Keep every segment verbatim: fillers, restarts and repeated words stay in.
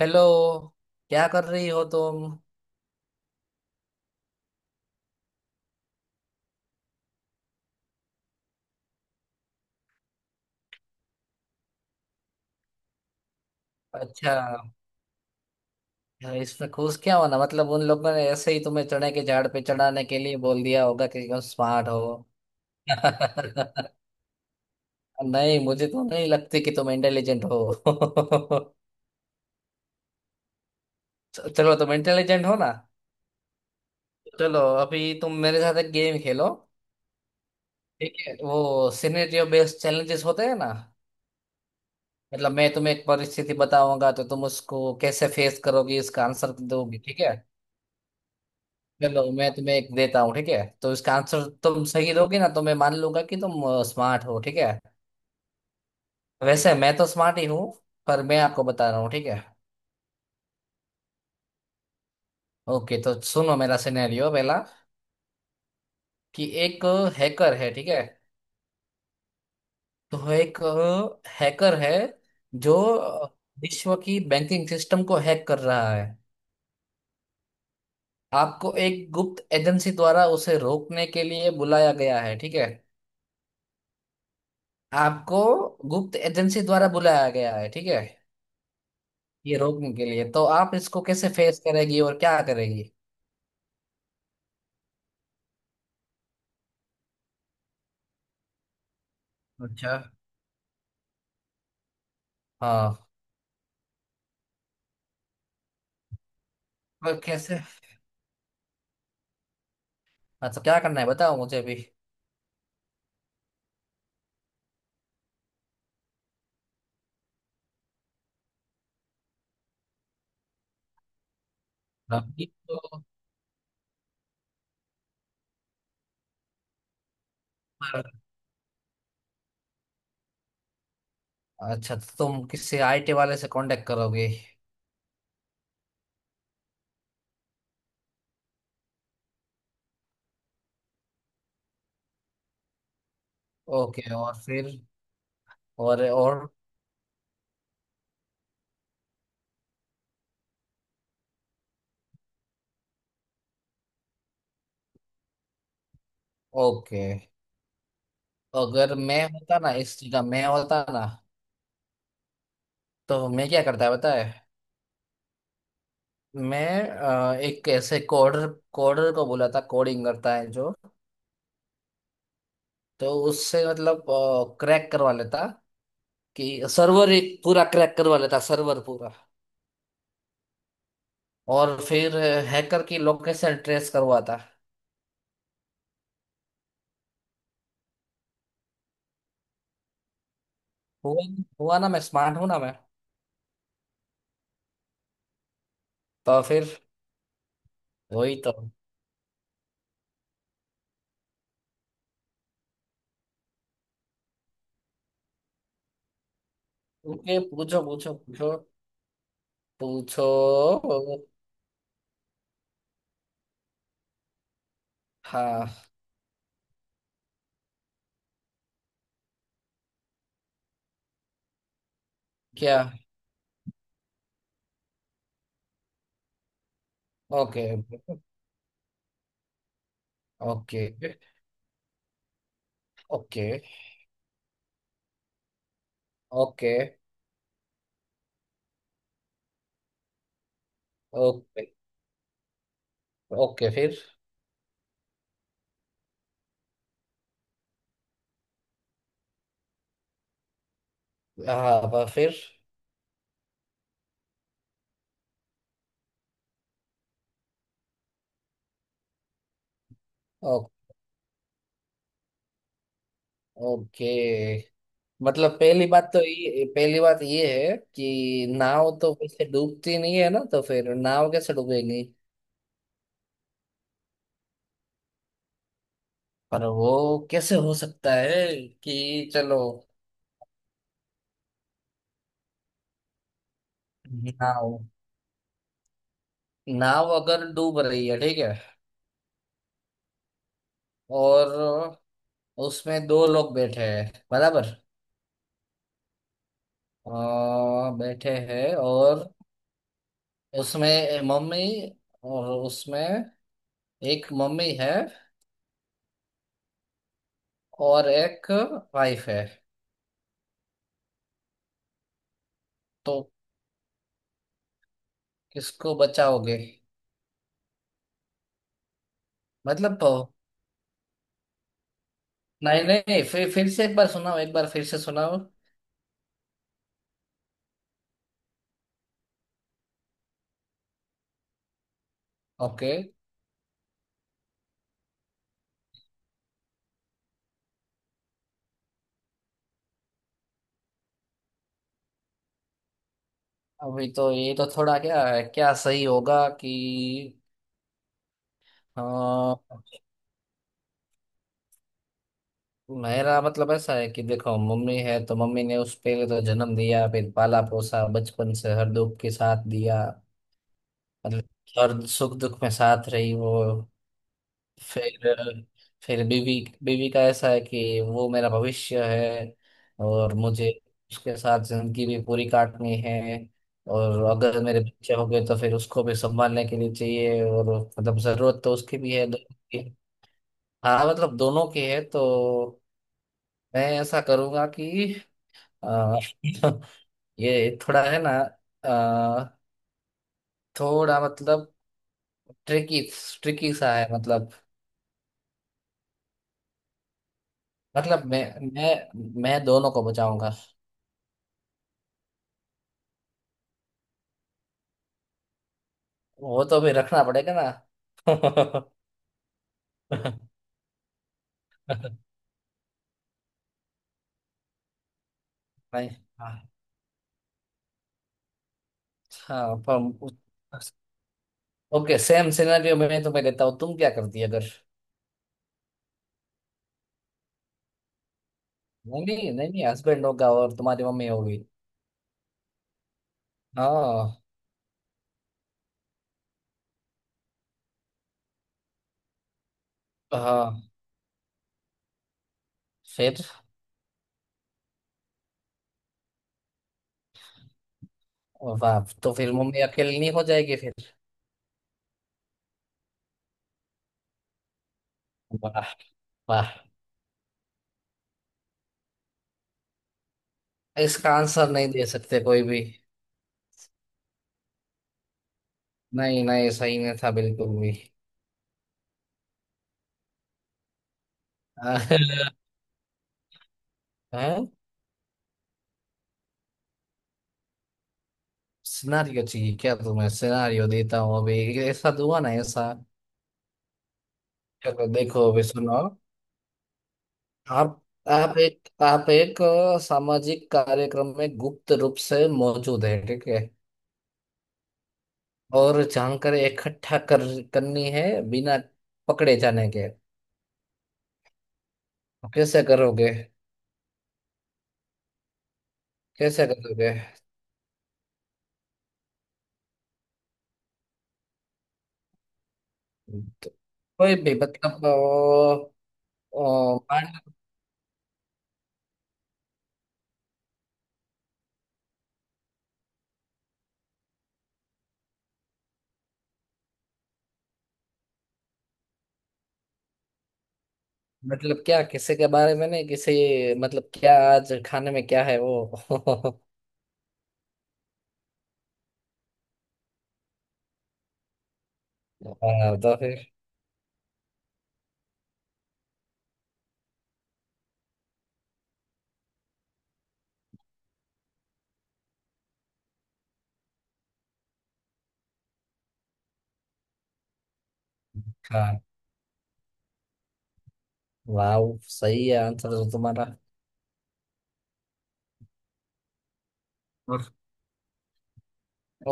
Hello. क्या कर रही हो तुम? अच्छा, इसमें खुश क्या होना, मतलब उन लोगों ने ऐसे ही तुम्हें चने के झाड़ पे चढ़ाने के लिए बोल दिया होगा कि तुम स्मार्ट हो। नहीं, मुझे तो नहीं लगती कि तुम इंटेलिजेंट हो। च- चलो, तुम इंटेलिजेंट हो ना। चलो, अभी तुम मेरे साथ एक गेम खेलो। ठीक है, वो सिनेरियो बेस्ड चैलेंजेस होते हैं ना। मतलब मैं तुम्हें एक परिस्थिति बताऊंगा तो तुम उसको कैसे फेस करोगी, इसका आंसर दोगी। ठीक है, चलो मैं तुम्हें एक देता हूँ। ठीक है, तो इसका आंसर तुम सही दोगे ना तो मैं मान लूंगा कि तुम स्मार्ट हो। ठीक है, वैसे मैं तो स्मार्ट ही हूँ, पर मैं आपको बता रहा हूँ। ठीक है, ओके तो सुनो मेरा सिनेरियो पहला। कि एक हैकर है, ठीक है? तो एक हैकर है जो विश्व की बैंकिंग सिस्टम को हैक कर रहा है। आपको एक गुप्त एजेंसी द्वारा उसे रोकने के लिए बुलाया गया है। ठीक है, आपको गुप्त एजेंसी द्वारा बुलाया गया है ठीक है ये रोकने के लिए, तो आप इसको कैसे फेस करेगी और क्या करेगी? अच्छा। हाँ, पर कैसे? अच्छा, क्या करना है बताओ मुझे भी। ये तो पर- अच्छा, तो तुम किसी आईटी वाले से कांटेक्ट करोगे। ओके, और फिर? और और ओके, अगर मैं होता ना इस जगह, मैं होता ना तो मैं क्या करता है पता है? मैं अ, एक ऐसे कोडर, कोडर को बोला था कोडिंग करता है जो, तो उससे मतलब क्रैक करवा लेता कि सर्वर एक पूरा, क्रैक करवा लेता सर्वर पूरा। और फिर हैकर की लोकेशन ट्रेस करवाता। हुआ? हुआ ना, मैं स्मार्ट हूं ना मैं। तो फिर वही तो। ओके, पूछो पूछो पूछो। पूछो। हाँ। क्या? Okay, okay, okay, okay. Okay. Okay फिर। हाँ फिर। ओ- ओके, मतलब पहली बात तो ये, पहली बात ये है कि नाव तो वैसे डूबती नहीं है ना, तो फिर नाव कैसे डूबेगी? पर वो कैसे हो सकता है? कि चलो, नाव, नाव अगर डूब रही है ठीक है, और उसमें दो लोग बैठे हैं बराबर, आ, बैठे हैं, और उसमें मम्मी, और उसमें एक मम्मी है और एक वाइफ है। तो किसको बचाओगे? मतलब नहीं नहीं, फिर फिर से एक बार सुनाओ एक बार फिर से सुनाओ। ओके, अभी तो ये तो थोड़ा, क्या है, क्या सही होगा कि, हाँ, मेरा मतलब ऐसा है कि देखो, मम्मी है तो मम्मी ने उस, पहले तो जन्म दिया, फिर पाला पोसा, बचपन से हर दुख के साथ दिया। मतलब हर सुख दुख में साथ रही वो। फिर फिर बीवी, बीवी का ऐसा है कि वो मेरा भविष्य है, और मुझे उसके साथ जिंदगी भी पूरी काटनी है। और अगर मेरे बच्चे हो गए तो फिर उसको भी संभालने के लिए चाहिए और, मतलब जरूरत तो उसकी भी है, दोनों की। हाँ, मतलब दोनों की है, तो मैं ऐसा करूंगा कि अ, ये थोड़ा है ना, अ, थोड़ा मतलब ट्रिकी, ट्रिकी सा है मतलब। मतलब मैं मैं मैं दोनों को बचाऊंगा। वो तो भी रखना पड़ेगा ना। नहीं, हाँ, हाँ पर, ओके सेम सिनेरियो में तो मैं लेता हूँ, तुम क्या करती अगर, नहीं नहीं नहीं नहीं, हस्बैंड होगा और तुम्हारी मम्मी होगी। हाँ। हाँ फिर? वाह, तो फिर मम्मी अकेली नहीं हो जाएगी फिर? वाह, वाह, इसका आंसर नहीं दे सकते कोई भी। नहीं नहीं, सही नहीं था बिल्कुल भी। हैं? सिनारियो चाहिए क्या तुम्हें? सिनारियो देता हूँ अभी, ऐसा तो हुआ ना ऐसा। चलो देखो अभी, सुनो, आप, आप एक आप एक अ, सामाजिक कार्यक्रम में गुप्त रूप से मौजूद है ठीक है, और जानकारी इकट्ठा कर, करनी है बिना पकड़े जाने के। कैसे करोगे? कैसे करोगे? तो कोई भी मतलब, ओ, ओ, मान- मतलब क्या किसी के बारे में, नहीं किसी मतलब, क्या आज खाने में क्या है वो। हाँ, तो फिर? हाँ, वाह, सही है आंसर तो तुम्हारा।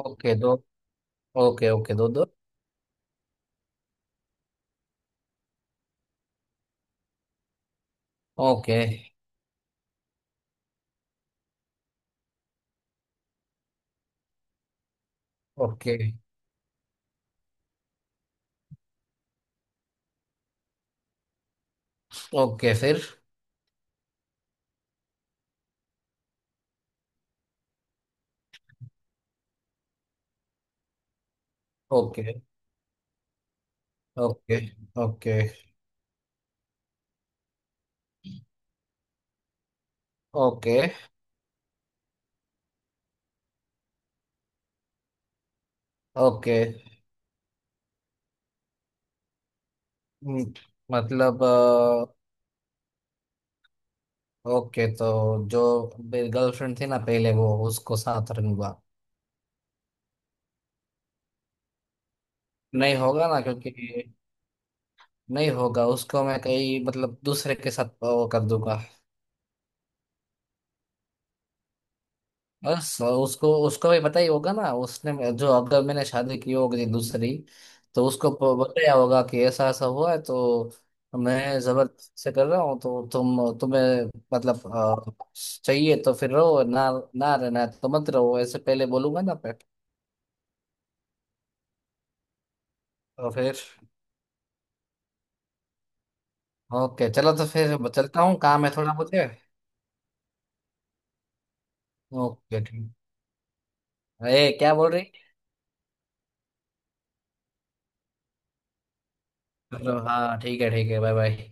ओके दो। ओके ओके, दो दो। ओके, ओके, ओके फिर। Okay, okay, okay, okay, okay. हम्म, मतलब अ, ओके, तो जो मेरी गर्लफ्रेंड थी ना पहले, वो, उसको साथ रन हुआ। नहीं होगा ना, क्योंकि नहीं होगा, उसको मैं कहीं मतलब दूसरे के साथ वो कर दूंगा। बस उसको, उसको भी पता ही होगा ना, उसने जो, अगर मैंने शादी की होगी दूसरी तो उसको प- बताया होगा कि ऐसा ऐसा हुआ है, तो मैं जबरदस्ती से कर रहा हूँ, तो तुम, तुम्हें मतलब अ, चाहिए तो फिर रहो ना, ना रहना है तो मत रहो, ऐसे पहले बोलूंगा ना पे। तो फिर, ओके चलो तो फिर चलता हूँ, काम है थोड़ा मुझे। ओके ठीक। अरे, क्या बोल रही? चलो, हाँ ठीक है ठीक है, बाय बाय।